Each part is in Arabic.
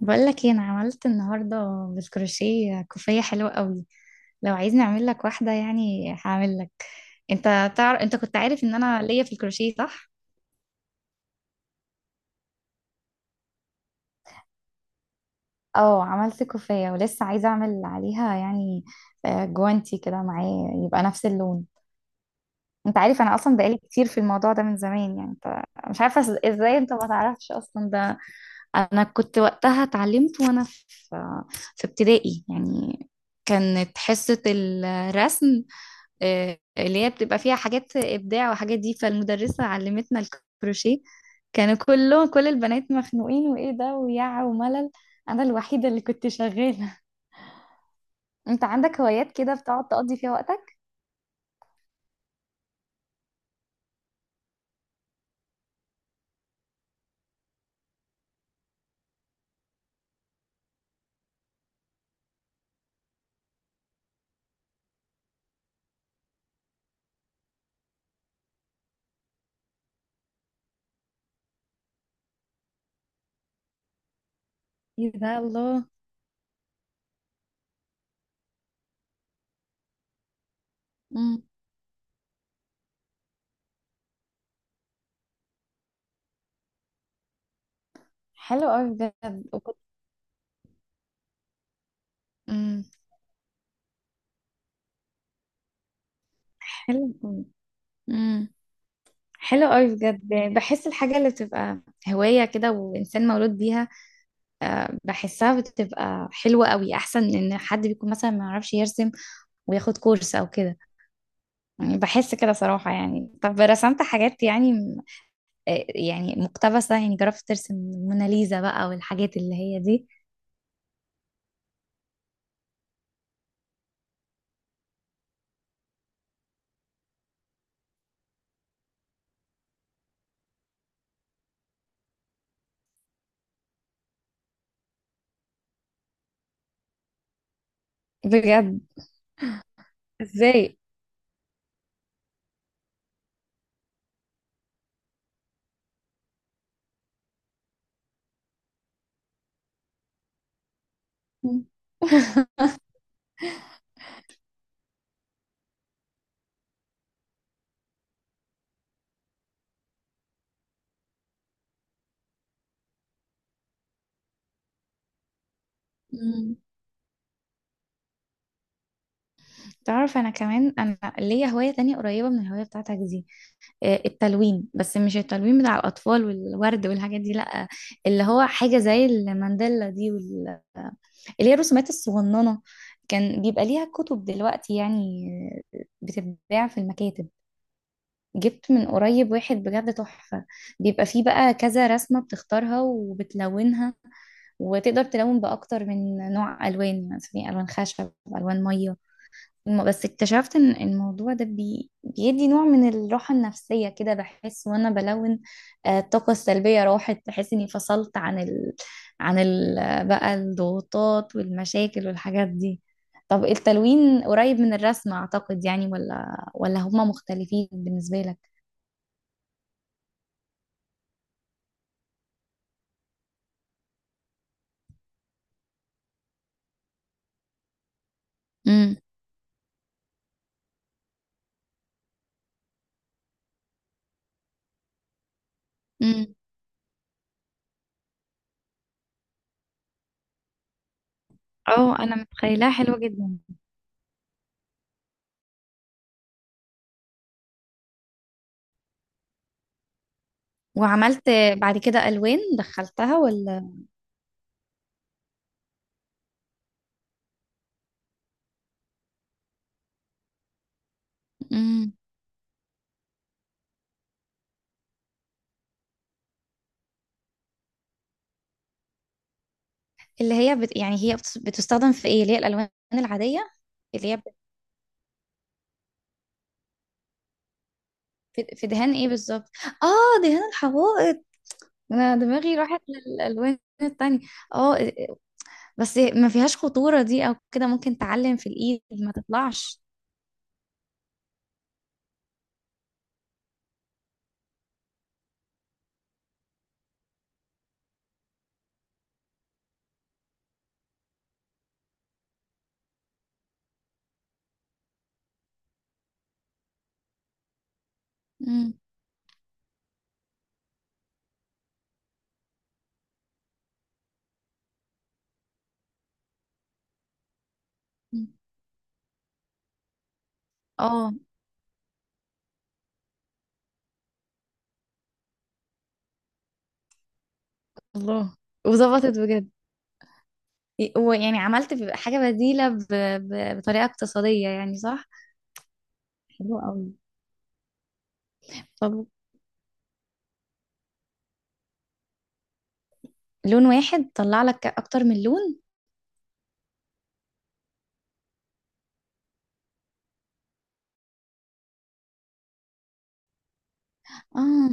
بقول لك ايه انا عملت النهارده بالكروشيه كوفيه حلوه قوي. لو عايز نعمل لك واحده يعني هعمل لك. انت تعرف، انت كنت عارف ان انا ليا في الكروشيه، صح؟ اه، عملت كوفية ولسه عايزة اعمل عليها يعني. جوانتي كده معاه يبقى نفس اللون. انت عارف انا اصلا بقالي كتير في الموضوع ده من زمان، يعني انت مش عارفة ازاي انت ما تعرفش اصلا ده. انا كنت وقتها اتعلمت وانا في ابتدائي يعني. كانت حصة الرسم، اللي هي بتبقى فيها حاجات إبداع وحاجات دي، فالمدرسة علمتنا الكروشيه. كانوا كلهم، كل البنات، مخنوقين، وإيه ده، ويع، وملل. أنا الوحيدة اللي كنت شغالة. أنت عندك هوايات كده بتقعد تقضي فيها وقتك؟ إيه ده، الله. مم. حلو أوي بجد، وكنت. مم. حلو. امم. حلو قوي بجد. بحس الحاجة اللي بتبقى هواية كده وإنسان مولود بيها، بحسها بتبقى حلوة قوي، أحسن من إن حد بيكون مثلا ما يعرفش يرسم وياخد كورس أو كده. يعني بحس كده صراحة. يعني طب رسمت حاجات يعني يعني مقتبسة، يعني جربت ترسم موناليزا بقى والحاجات اللي هي دي؟ بجد؟ ازاي؟ مم. مم. تعرف، انا كمان انا ليا هواية تانية قريبة من الهواية بتاعتك دي، التلوين. بس مش التلوين بتاع الاطفال والورد والحاجات دي، لا. اللي هو حاجة زي المانديلا دي، وال... اللي هي الرسومات الصغننة. كان بيبقى ليها كتب دلوقتي يعني، بتتباع في المكاتب. جبت من قريب واحد بجد تحفة. بيبقى فيه بقى كذا رسمة، بتختارها وبتلونها، وتقدر تلون بأكتر من نوع ألوان، يعني مثلا في ألوان خشب، ألوان مية. بس اكتشفت ان الموضوع ده بيدي نوع من الراحة النفسية كده. بحس وانا بلون، الطاقة السلبية راحت. بحس اني فصلت عن ال... عن ال... بقى الضغوطات والمشاكل والحاجات دي. طب التلوين قريب من الرسم اعتقد يعني، ولا هما مختلفين بالنسبة لك؟ امم. اه، انا متخيلاها حلوة جدا. وعملت بعد كده الوان، دخلتها ولا؟ امم. اللي هي يعني هي بتستخدم في ايه؟ اللي هي الالوان العاديه؟ اللي هي بت- في دهان ايه بالظبط؟ اه، دهان الحوائط. انا دماغي راحت للالوان التانية. اه. بس ما فيهاش خطوره دي او كده؟ ممكن تعلم في الايد ما تطلعش؟ امم. أمم. اه، الله. وظبطت بجد؟ ويعني عملت حاجه بديله ب... ب... بطريقه اقتصاديه يعني، صح؟ حلو قوي. طب لون واحد طلع لك اكتر من لون؟ اه.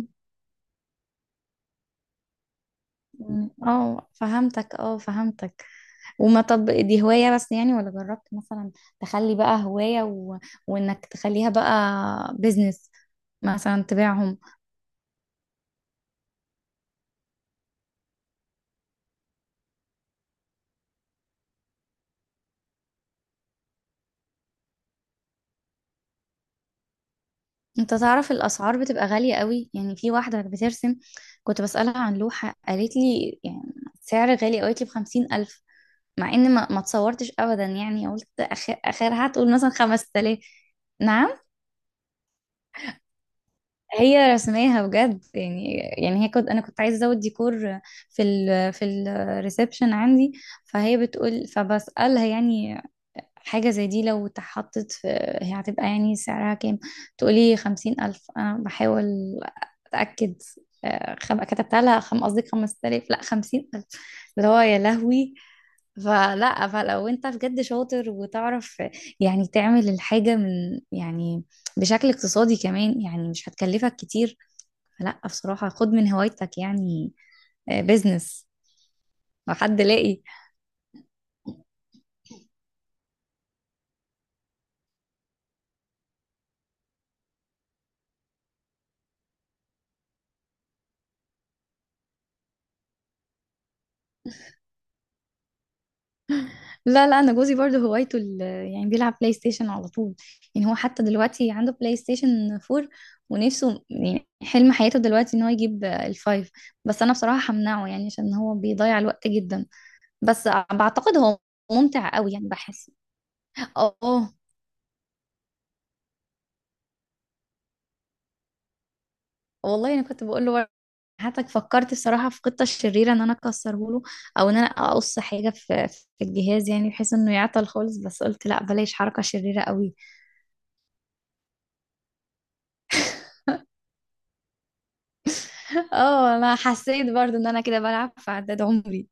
مم. اه فهمتك، اه فهمتك. وما، طب دي هواية بس يعني، ولا جربت مثلا تخلي بقى هواية و... وانك تخليها بقى بيزنس، مثلا تبيعهم؟ انت تعرف الاسعار بتبقى غالية قوي يعني. في واحدة بترسم، كنت بسألها عن لوحة، قالت لي يعني سعر غالي قوي، قالت لي بـ50,000. مع ان ما تصورتش ابدا يعني. قلت اخرها هتقول مثلا 5,000. نعم؟ هي رسماها بجد يعني؟ يعني هي، كنت انا كنت عايزه ازود ديكور في ال، في الريسبشن عندي، فهي بتقول، فبسالها يعني حاجه زي دي لو اتحطت في، هي هتبقى يعني سعرها كام؟ تقولي 50,000. انا بحاول اتاكد، كتبت لها قصدي 5000، لا 50000، اللي هو يا لهوي. فلا، فلو انت بجد شاطر وتعرف يعني تعمل الحاجة من يعني بشكل اقتصادي كمان، يعني مش هتكلفك كتير. لا بصراحة، خد من هوايتك يعني بيزنس لو حد لاقي. لا لا، انا جوزي برضه هوايته ال-، يعني بيلعب بلاي ستيشن على طول. يعني هو حتى دلوقتي عنده بلاي ستيشن 4، ونفسه يعني حلم حياته دلوقتي ان هو يجيب الفايف. بس انا بصراحة همنعه، يعني عشان هو بيضيع الوقت جدا. بس بعتقد هو ممتع قوي يعني، بحس. اه، والله انا كنت بقول له. حتى فكرت بصراحة في قطة الشريرة أن أنا تكسره له، أو أن أنا أقص حاجة في الجهاز، يعني بحيث أنه يعطى الخلص. بس قلت لأ، بلايش حركة شريرة قوي. أوه، أنا حسيت برضو أن أنا كده بلعب في عدد عمري.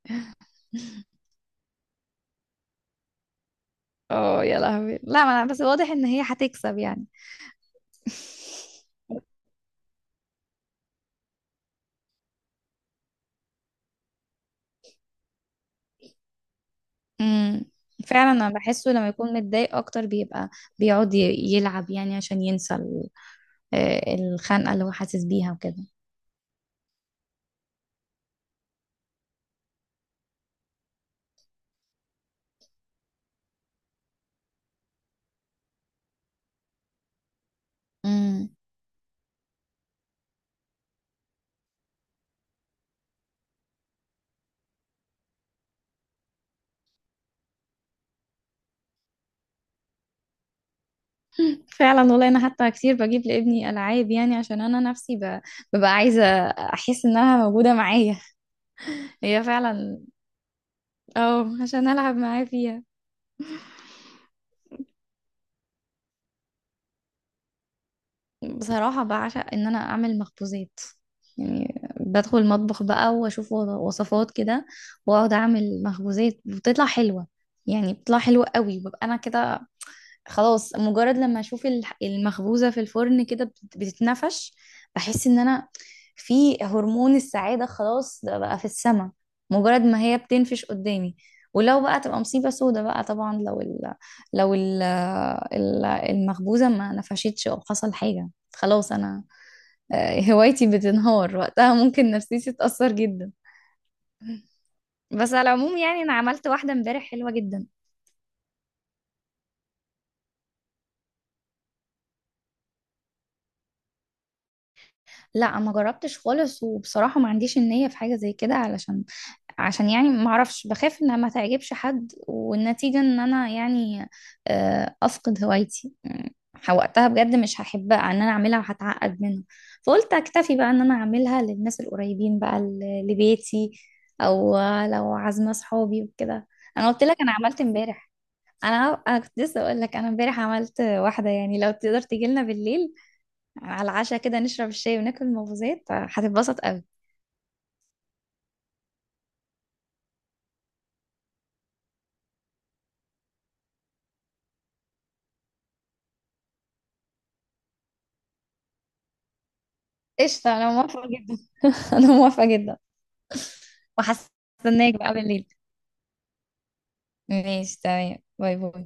أوه، يلا همير لا ملا، بس واضح أن هي حتيكسب يعني. امم. فعلا، أنا بحسه لما يكون متضايق أكتر بيبقى بيعود يلعب، يعني عشان ينسى الخنة اللي هو حاسس بيها وكده. امم. فعلا، والله انا حتى كتير بجيب لابني العاب، يعني عشان انا نفسي ببقى عايزه احس انها موجوده معايا. هي فعلا. اه، عشان العب معاه فيها. بصراحه بعشق ان انا اعمل مخبوزات. يعني بدخل المطبخ بقى واشوف وصفات كده، واقعد اعمل مخبوزات بتطلع حلوه. يعني بتطلع حلوه قوي، ببقى انا كده خلاص. مجرد لما اشوف المخبوزة في الفرن كده بتتنفش، بحس ان انا في هرمون السعادة. خلاص ده بقى في السما مجرد ما هي بتنفش قدامي. ولو بقى تبقى مصيبة سودة بقى طبعا، لو ال، لو ال المخبوزة ما نفشتش او حصل حاجة، خلاص انا، هوايتي بتنهار وقتها، ممكن نفسيتي تتأثر جدا. بس على العموم يعني انا عملت واحدة امبارح حلوة جدا. لا، ما جربتش خالص، وبصراحة ما عنديش النية في حاجة زي كده، علشان، عشان يعني ما اعرفش، بخاف انها ما تعجبش حد، والنتيجة ان انا يعني افقد هوايتي. وقتها بجد مش هحبها ان انا اعملها، هتعقد منها. فقلت اكتفي بقى ان انا اعملها للناس القريبين، بقى لبيتي، او لو عازمة صحابي وكده. انا قلت لك انا عملت امبارح. انا كنت لسه اقول لك انا امبارح عملت واحدة. يعني لو تقدر تجي لنا بالليل على العشاء كده، نشرب الشاي وناكل المخبوزات، هتتبسط قوي. قشطة، أنا موافقة جدا. أنا موافقة جدا. وهستناك بقى بالليل. ماشي، تمام، باي باي.